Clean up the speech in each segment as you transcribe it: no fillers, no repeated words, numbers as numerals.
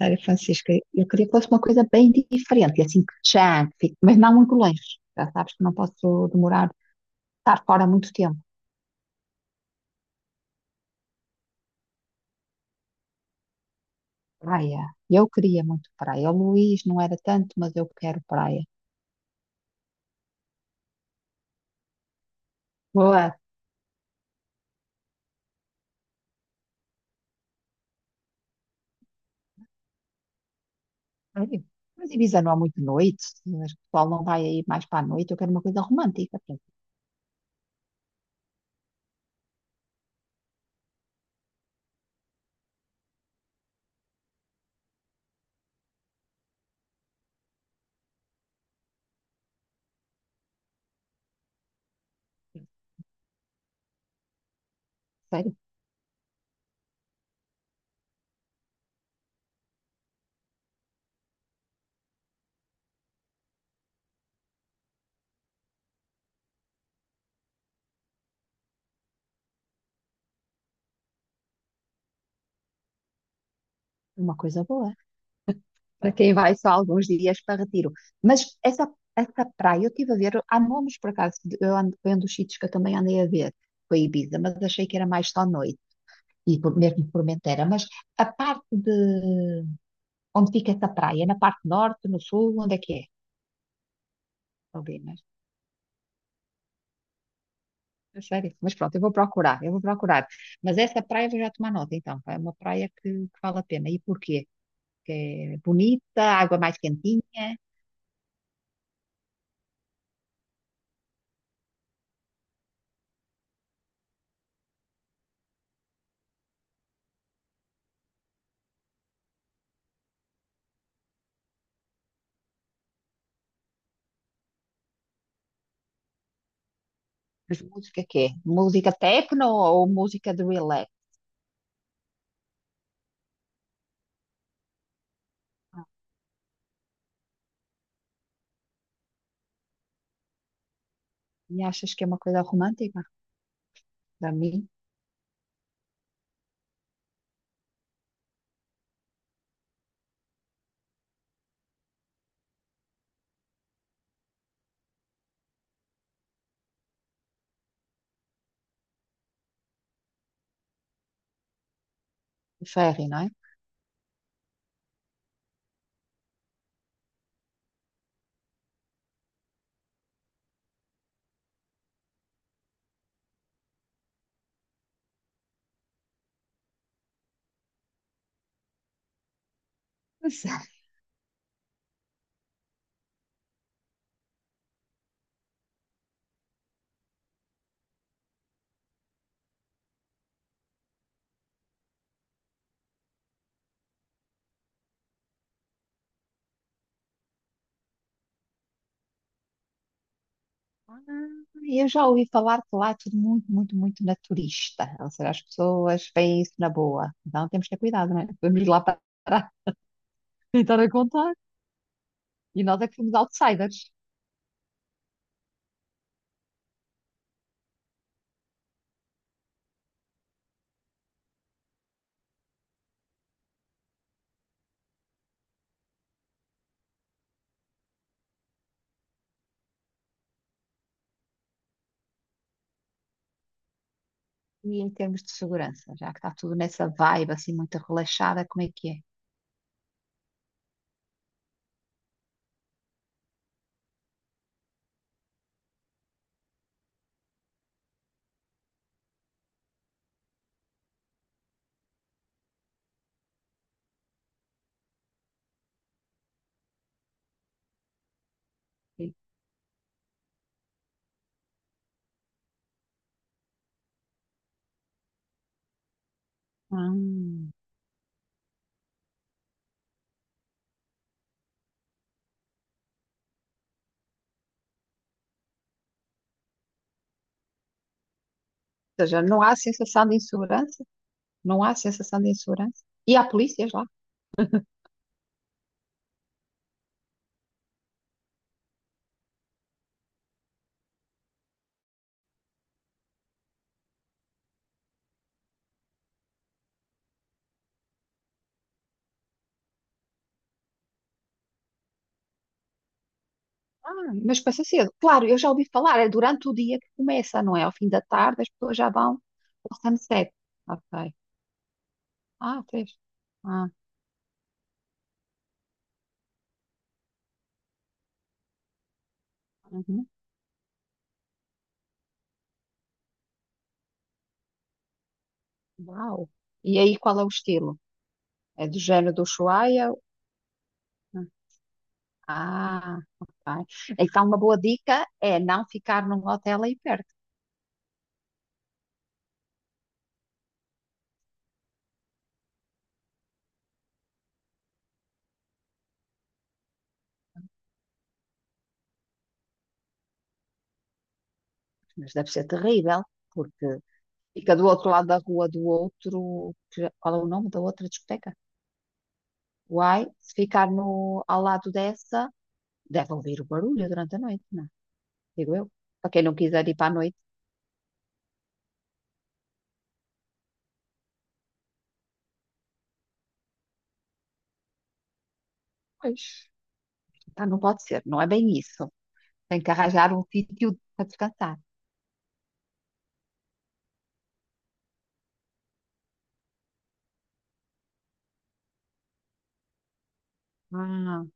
Olha, Francisca, eu queria que fosse uma coisa bem diferente, e assim que já fique, mas não muito longe. Já sabes que não posso demorar, estar fora muito tempo. Praia. Eu queria muito praia. O Luís não era tanto, mas eu quero praia. Boa. Ai, mas Ibiza não há muito noite, acho que o pessoal não vai aí mais para a noite. Eu quero uma coisa romântica. Pronto. Sério, uma coisa boa. Para quem vai só alguns dias para Retiro. Mas essa praia, eu estive a ver, há nomes por acaso, eu ando, foi um dos sítios que eu também andei a ver, foi Ibiza, mas achei que era mais só noite, e mesmo Formentera. Mas a parte de onde fica essa praia, na parte norte, no sul, onde é que é? Talvez, mas, é sério. Mas pronto, eu vou procurar, eu vou procurar. Mas essa praia vou já tomar nota, então, é uma praia que vale a pena. E porquê? Que é bonita, água mais quentinha. Mas música que é? Música techno ou música de relax? E achas que é uma coisa romântica? Para mim, o ferry, não é? Pois é. Ah, eu já ouvi falar que lá é tudo muito, muito, muito naturista. Ou seja, as pessoas veem isso na boa. Então temos que ter cuidado, não é? Vamos lá para tentar a contar. E nós é que somos outsiders. E em termos de segurança, já que está tudo nessa vibe assim muito relaxada, como é que é? Hum. Ou seja, não há sensação de insegurança? Não há sensação de insegurança? E há polícias lá? Ah, mas começa cedo. Claro, eu já ouvi falar, é durante o dia que começa, não é? Ao fim da tarde as pessoas já vão ao sunset. Ok. Ah, fez. Ah, uhum. Uau. E aí qual é o estilo? É do género do Ushuaia? Ah, ok. Então uma boa dica é não ficar num hotel aí perto, mas deve ser terrível, porque fica do outro lado da rua do outro, qual é o nome da outra discoteca? Uai, se ficar no, ao lado dessa, deve ouvir o barulho durante a noite, não é? Digo eu. Para quem não quiser ir para a noite, pois, tá, não pode ser, não é bem isso. Tem que arranjar um sítio para descansar. Ah, o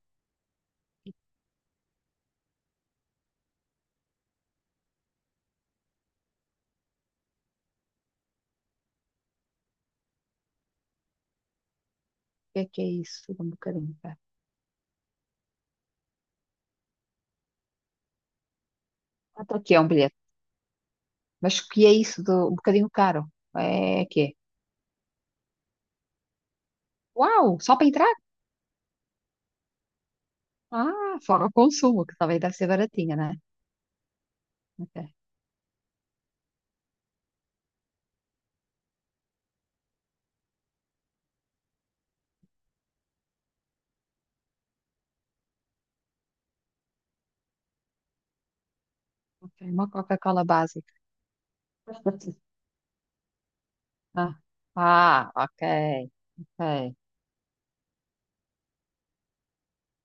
que é isso? Um bocadinho caro. Quanto é que é um bilhete? Mas o que é isso de um bocadinho caro? É que é? Uau, só para entrar? Ah, fora o consumo, que também deve ser baratinha, não é? Ok, ok, uma Coca-Cola básica. Ah, ah, ok, ok.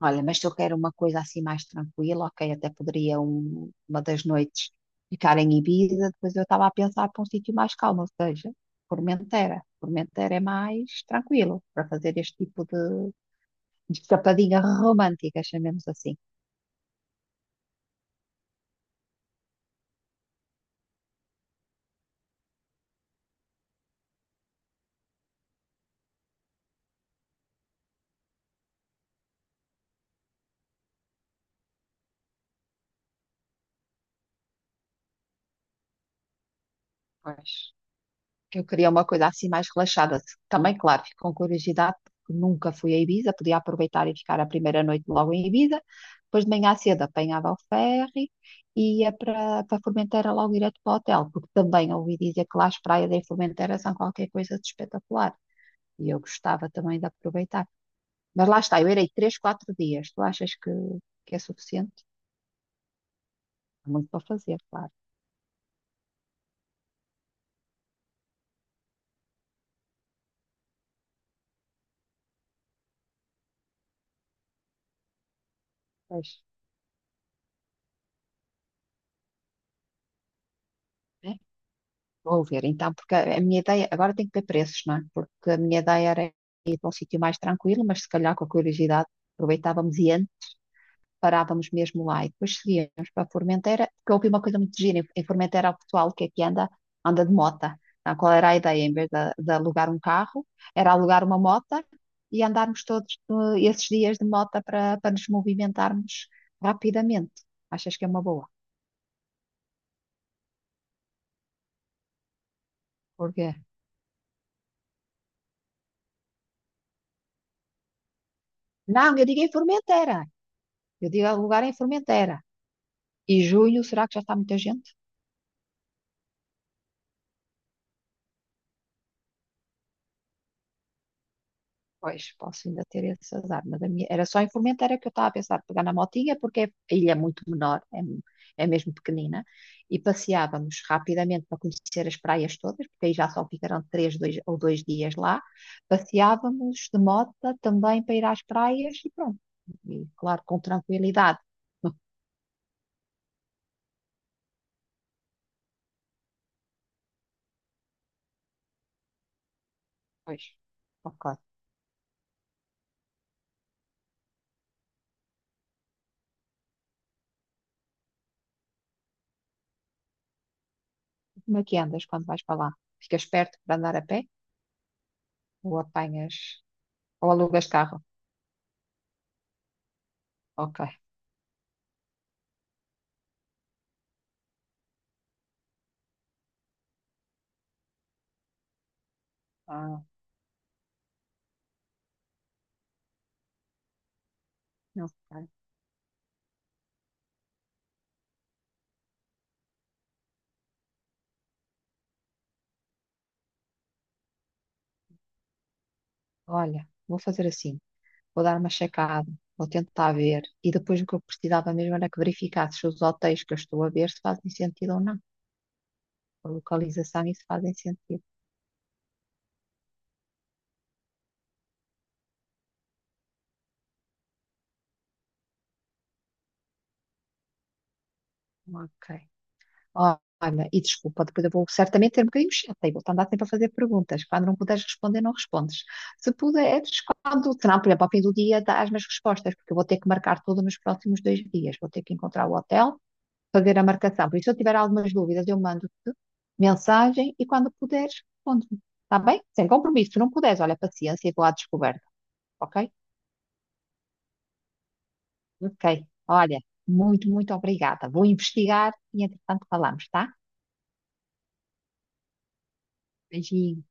Olha, mas se eu quero uma coisa assim mais tranquila, ok, até poderia uma das noites ficar em Ibiza, depois eu estava a pensar para um sítio mais calmo, ou seja, Formentera. Formentera é mais tranquilo para fazer este tipo de escapadinha romântica, chamemos assim. Pois. Eu queria uma coisa assim mais relaxada. Também, claro, fico com curiosidade, porque nunca fui a Ibiza, podia aproveitar e ficar a primeira noite logo em Ibiza. Depois de manhã cedo apanhava o ferry e ia para Formentera logo direto para o hotel, porque também ouvi dizer que lá as praias em Formentera são qualquer coisa de espetacular. E eu gostava também de aproveitar. Mas lá está, eu irei três, quatro dias. Tu achas que é suficiente? Há muito para fazer, claro. Pois. É, vou ver, então, porque a minha ideia, agora tem que ter preços, não é? Porque a minha ideia era ir para um sítio mais tranquilo, mas se calhar com a curiosidade aproveitávamos e antes parávamos mesmo lá e depois seguíamos para a Formentera, porque eu ouvi uma coisa muito gira, em Formentera o pessoal que aqui anda, anda de mota. Então, qual era a ideia? Em vez de alugar um carro, era alugar uma mota e andarmos todos esses dias de mota para nos movimentarmos rapidamente. Achas que é uma boa? Porque... Não, eu digo em Formentera, eu digo alugar em Formentera. E junho, será que já está muita gente? Pois, posso ainda ter esse azar. Mas a minha, era só em Formentera que eu estava a pensar pegar na motinha, porque a ilha é muito menor, é, é mesmo pequenina, e passeávamos rapidamente para conhecer as praias todas, porque aí já só ficarão três dois, ou dois dias lá. Passeávamos de moto também para ir às praias e pronto. E claro, com tranquilidade. Pois, ok. Como é que andas quando vais para lá? Ficas perto para andar a pé? Ou apanhas, ou alugas carro? Ok. Ah. Não, cara. Olha, vou fazer assim, vou dar uma checada, vou tentar ver, e depois o que eu precisava mesmo era que verificasse se os hotéis que eu estou a ver se fazem sentido ou não, a localização e se fazem sentido. Ok. Ó, olha, e desculpa, depois eu vou certamente ter um bocadinho chata e vou-te andar sempre a fazer perguntas. Quando não puderes responder, não respondes. Se puderes, quando, se não, por exemplo, ao fim do dia, dás-me as respostas, porque eu vou ter que marcar tudo nos próximos dois dias. Vou ter que encontrar o hotel, fazer a marcação. Por isso, se eu tiver algumas dúvidas, eu mando-te mensagem e quando puderes, responde-me. Está bem? Sem compromisso. Se não puderes, olha, paciência e vou à descoberta. Ok? Ok. Olha, muito, muito obrigada. Vou investigar e, entretanto, falamos, tá? Beijinho.